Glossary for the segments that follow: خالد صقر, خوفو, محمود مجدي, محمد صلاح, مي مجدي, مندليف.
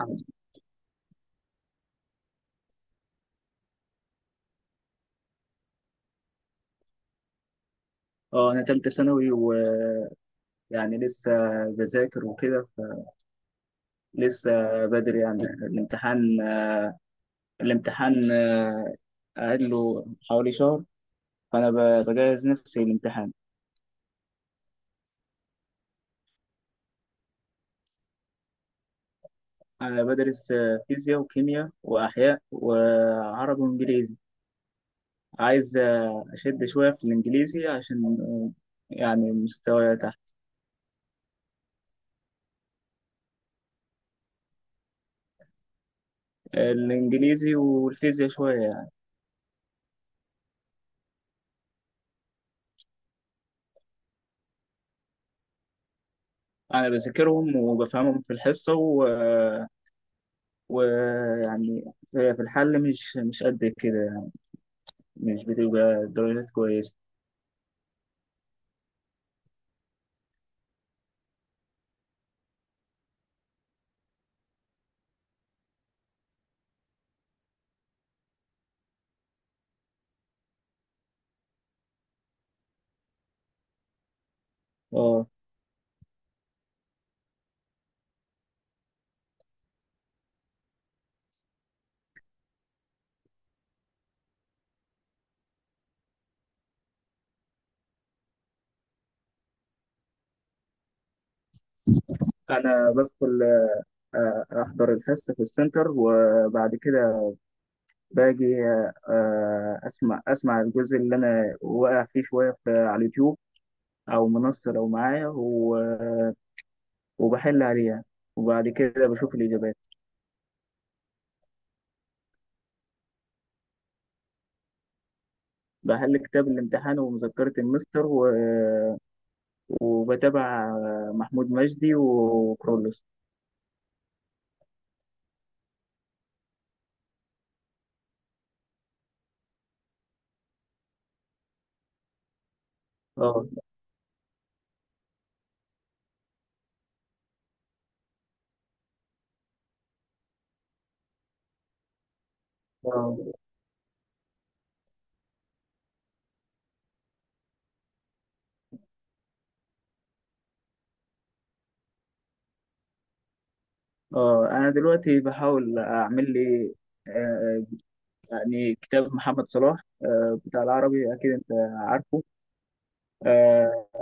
الحمد لله. اه، انا تالتة ثانوي ويعني لسه بذاكر وكده، لسه بدري يعني. الامتحان قاعد له حوالي شهر، فانا بجهز نفسي للامتحان. انا بدرس فيزياء وكيمياء واحياء وعربي وانجليزي. عايز اشد شوية في الانجليزي عشان يعني مستواي تحت. الانجليزي والفيزياء شوية يعني، انا بذاكرهم وبفهمهم في الحصة، ويعني في الحل مش قد كده، مش بتبقى درجات كويسة. اه أنا بدخل، أحضر الحصة في السنتر، وبعد كده باجي، أسمع الجزء اللي أنا واقع فيه شوية على اليوتيوب، أو منصة لو معايا، وبحل عليها، وبعد كده بشوف الإجابات. بحل كتاب الامتحان ومذكرة المستر، وبتابع محمود مجدي وكرولوس. اه. اه. اه. انا دلوقتي بحاول اعمل لي، آه، يعني كتاب محمد صلاح بتاع العربي، أكيد أنت عارفه. آه،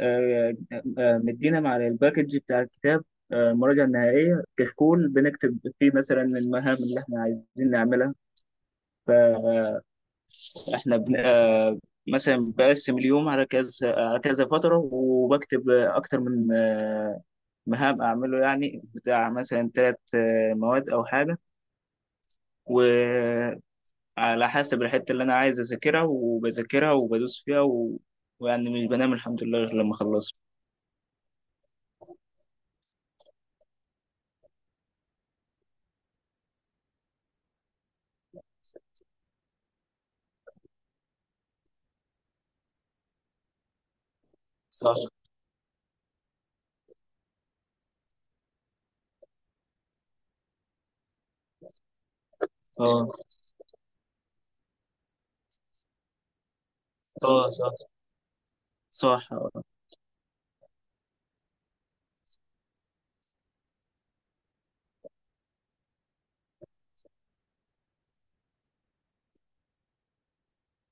آه، مدينا مع الباكج بتاع الكتاب، المراجعة النهائية، كشكول بنكتب فيه مثلا المهام اللي احنا عايزين نعملها. فاحنا بن... آه، مثلا بقسم اليوم على كذا على كذا فترة، وبكتب أكتر من مهام أعمله، يعني بتاع مثلا ثلاث مواد أو حاجة، و على حسب الحتة اللي أنا عايز أذاكرها، وبذاكرها وبدوس فيها ويعني مش بنام الحمد لله غير لما أخلصها. صح. اه. اه. صح. صح. اه.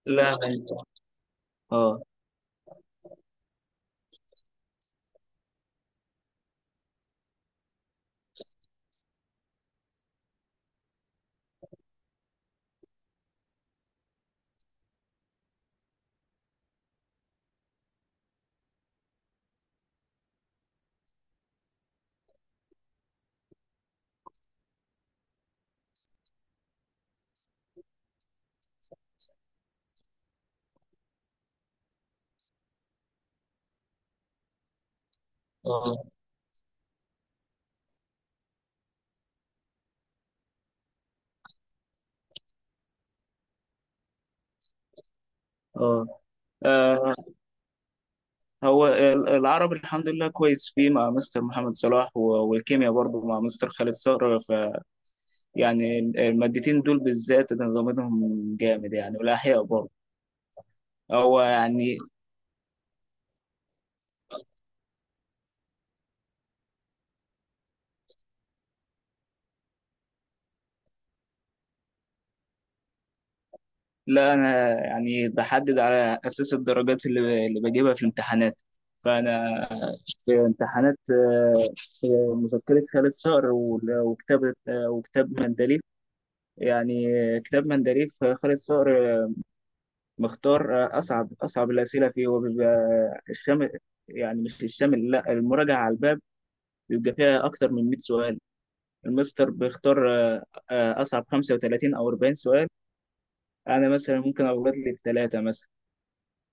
لا. اه. اه. اه. آه، هو العربي الحمد لله كويس فيه مع مستر محمد صلاح، والكيمياء برضه مع مستر خالد صقر. فيعني المادتين دول بالذات انا ضامنهم جامد يعني، والاحياء برضه. هو يعني لا، انا يعني بحدد على اساس الدرجات اللي بجيبها في الامتحانات. فانا في امتحانات، مذكرة خالد صقر وكتاب، وكتاب مندليف يعني. كتاب مندليف خالد صقر مختار اصعب الاسئله فيه، وبيبقى الشامل. يعني مش الشامل، لا المراجعه على الباب، بيبقى فيها اكتر من 100 سؤال. المستر بيختار اصعب 35 او 40 سؤال. انا مثلا ممكن اغلط لي في ثلاثه مثلا.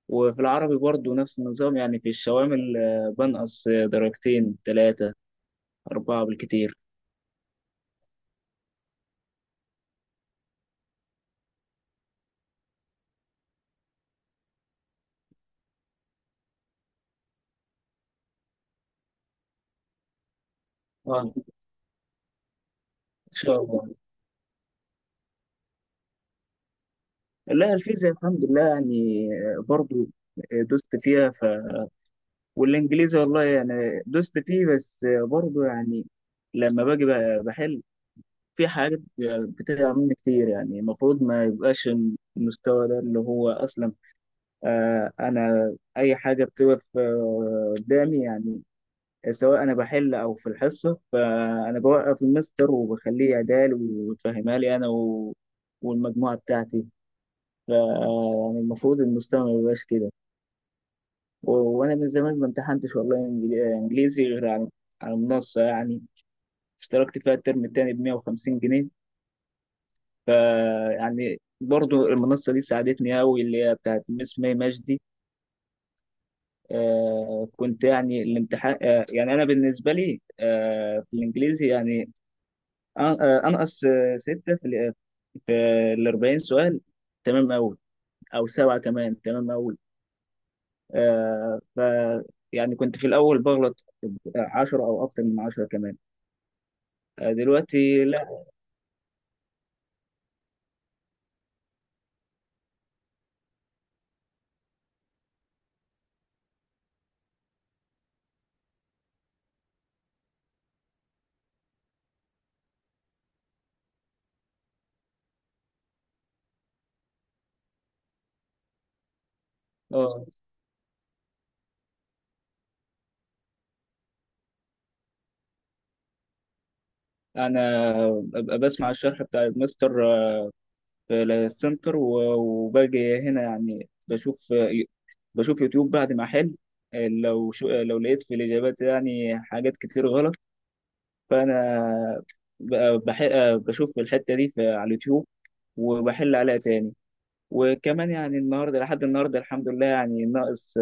وفي العربي برضو نفس النظام، يعني في الشوامل بنقص درجتين ثلاثة أربعة بالكتير. اه، إن شاء الله. لا، الفيزياء الحمد لله يعني، برضو دوست فيها. والإنجليزي والله يعني دوست فيه بس، برضو يعني لما باجي بحل، في حاجات بتقع مني كتير، يعني المفروض ما يبقاش المستوى ده، اللي هو أصلا أنا أي حاجة بتقف قدامي، يعني سواء انا بحل او في الحصه، فانا بوقف المستر وبخليه يعدال ويفهمها لي انا والمجموعه بتاعتي. ف يعني المفروض المستوى ما يبقاش كده. وانا من زمان ما امتحنتش والله انجليزي غير على المنصه يعني. اشتركت فيها الترم التاني ب 150 جنيه. ف يعني برضو المنصه دي ساعدتني قوي، اللي هي بتاعت مس مي مجدي. كنت يعني الامتحان، يعني انا بالنسبه لي في الانجليزي يعني، انقص ستة في ال 40 سؤال. تمام أوي. أو سبعة كمان تمام أوي. ف يعني كنت في الأول بغلط 10 أو أكتر من 10 كمان. دلوقتي لا. آه أنا ببقى بسمع الشرح بتاع الماستر في السنتر، وباجي هنا يعني بشوف، بشوف يوتيوب بعد ما أحل. لو شو آه، لو لقيت في الإجابات يعني حاجات كتير غلط، فانا ب- بح... بشوف الحته دي على اليوتيوب، وبحل عليها تاني. وكمان يعني النهارده لحد النهارده الحمد لله يعني ناقص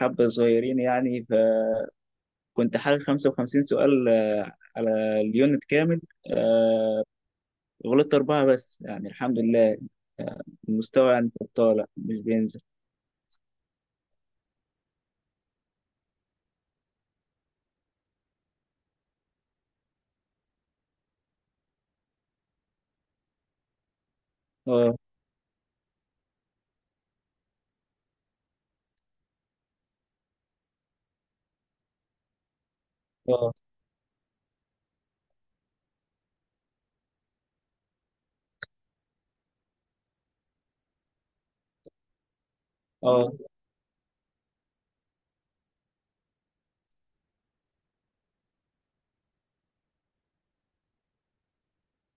حبه صغيرين يعني، فكنت حل 55 سؤال على اليونت كامل، غلطت اربعه بس يعني الحمد لله. المستوى يعني طالع مش بينزل. اه. اه. اه.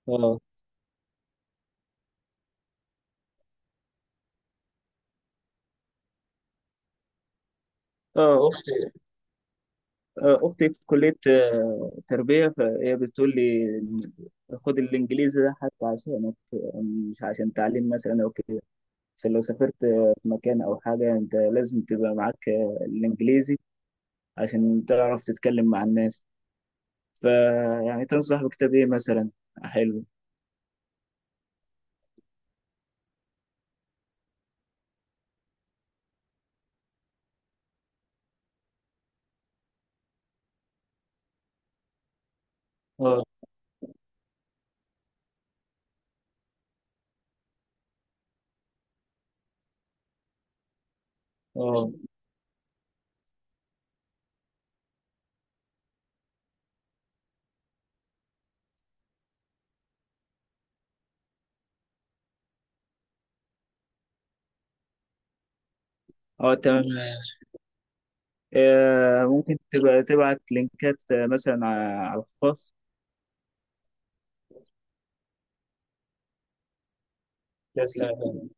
اه. اه. اختي في كليه تربيه، فهي بتقول لي خد الانجليزي ده حتى عشانك، مش عشان تعليم مثلا او كده، عشان لو سافرت في مكان او حاجه انت لازم تبقى معاك الانجليزي عشان تعرف تتكلم مع الناس. فيعني تنصح بكتاب ايه مثلا حلو؟ اه. اه. اه. تمام. ممكن تبقى تبعت لينكات مثلا على الخاص. تسلم يا فندم.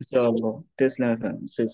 ان شاء الله، تسلم يا فندم، تسلم.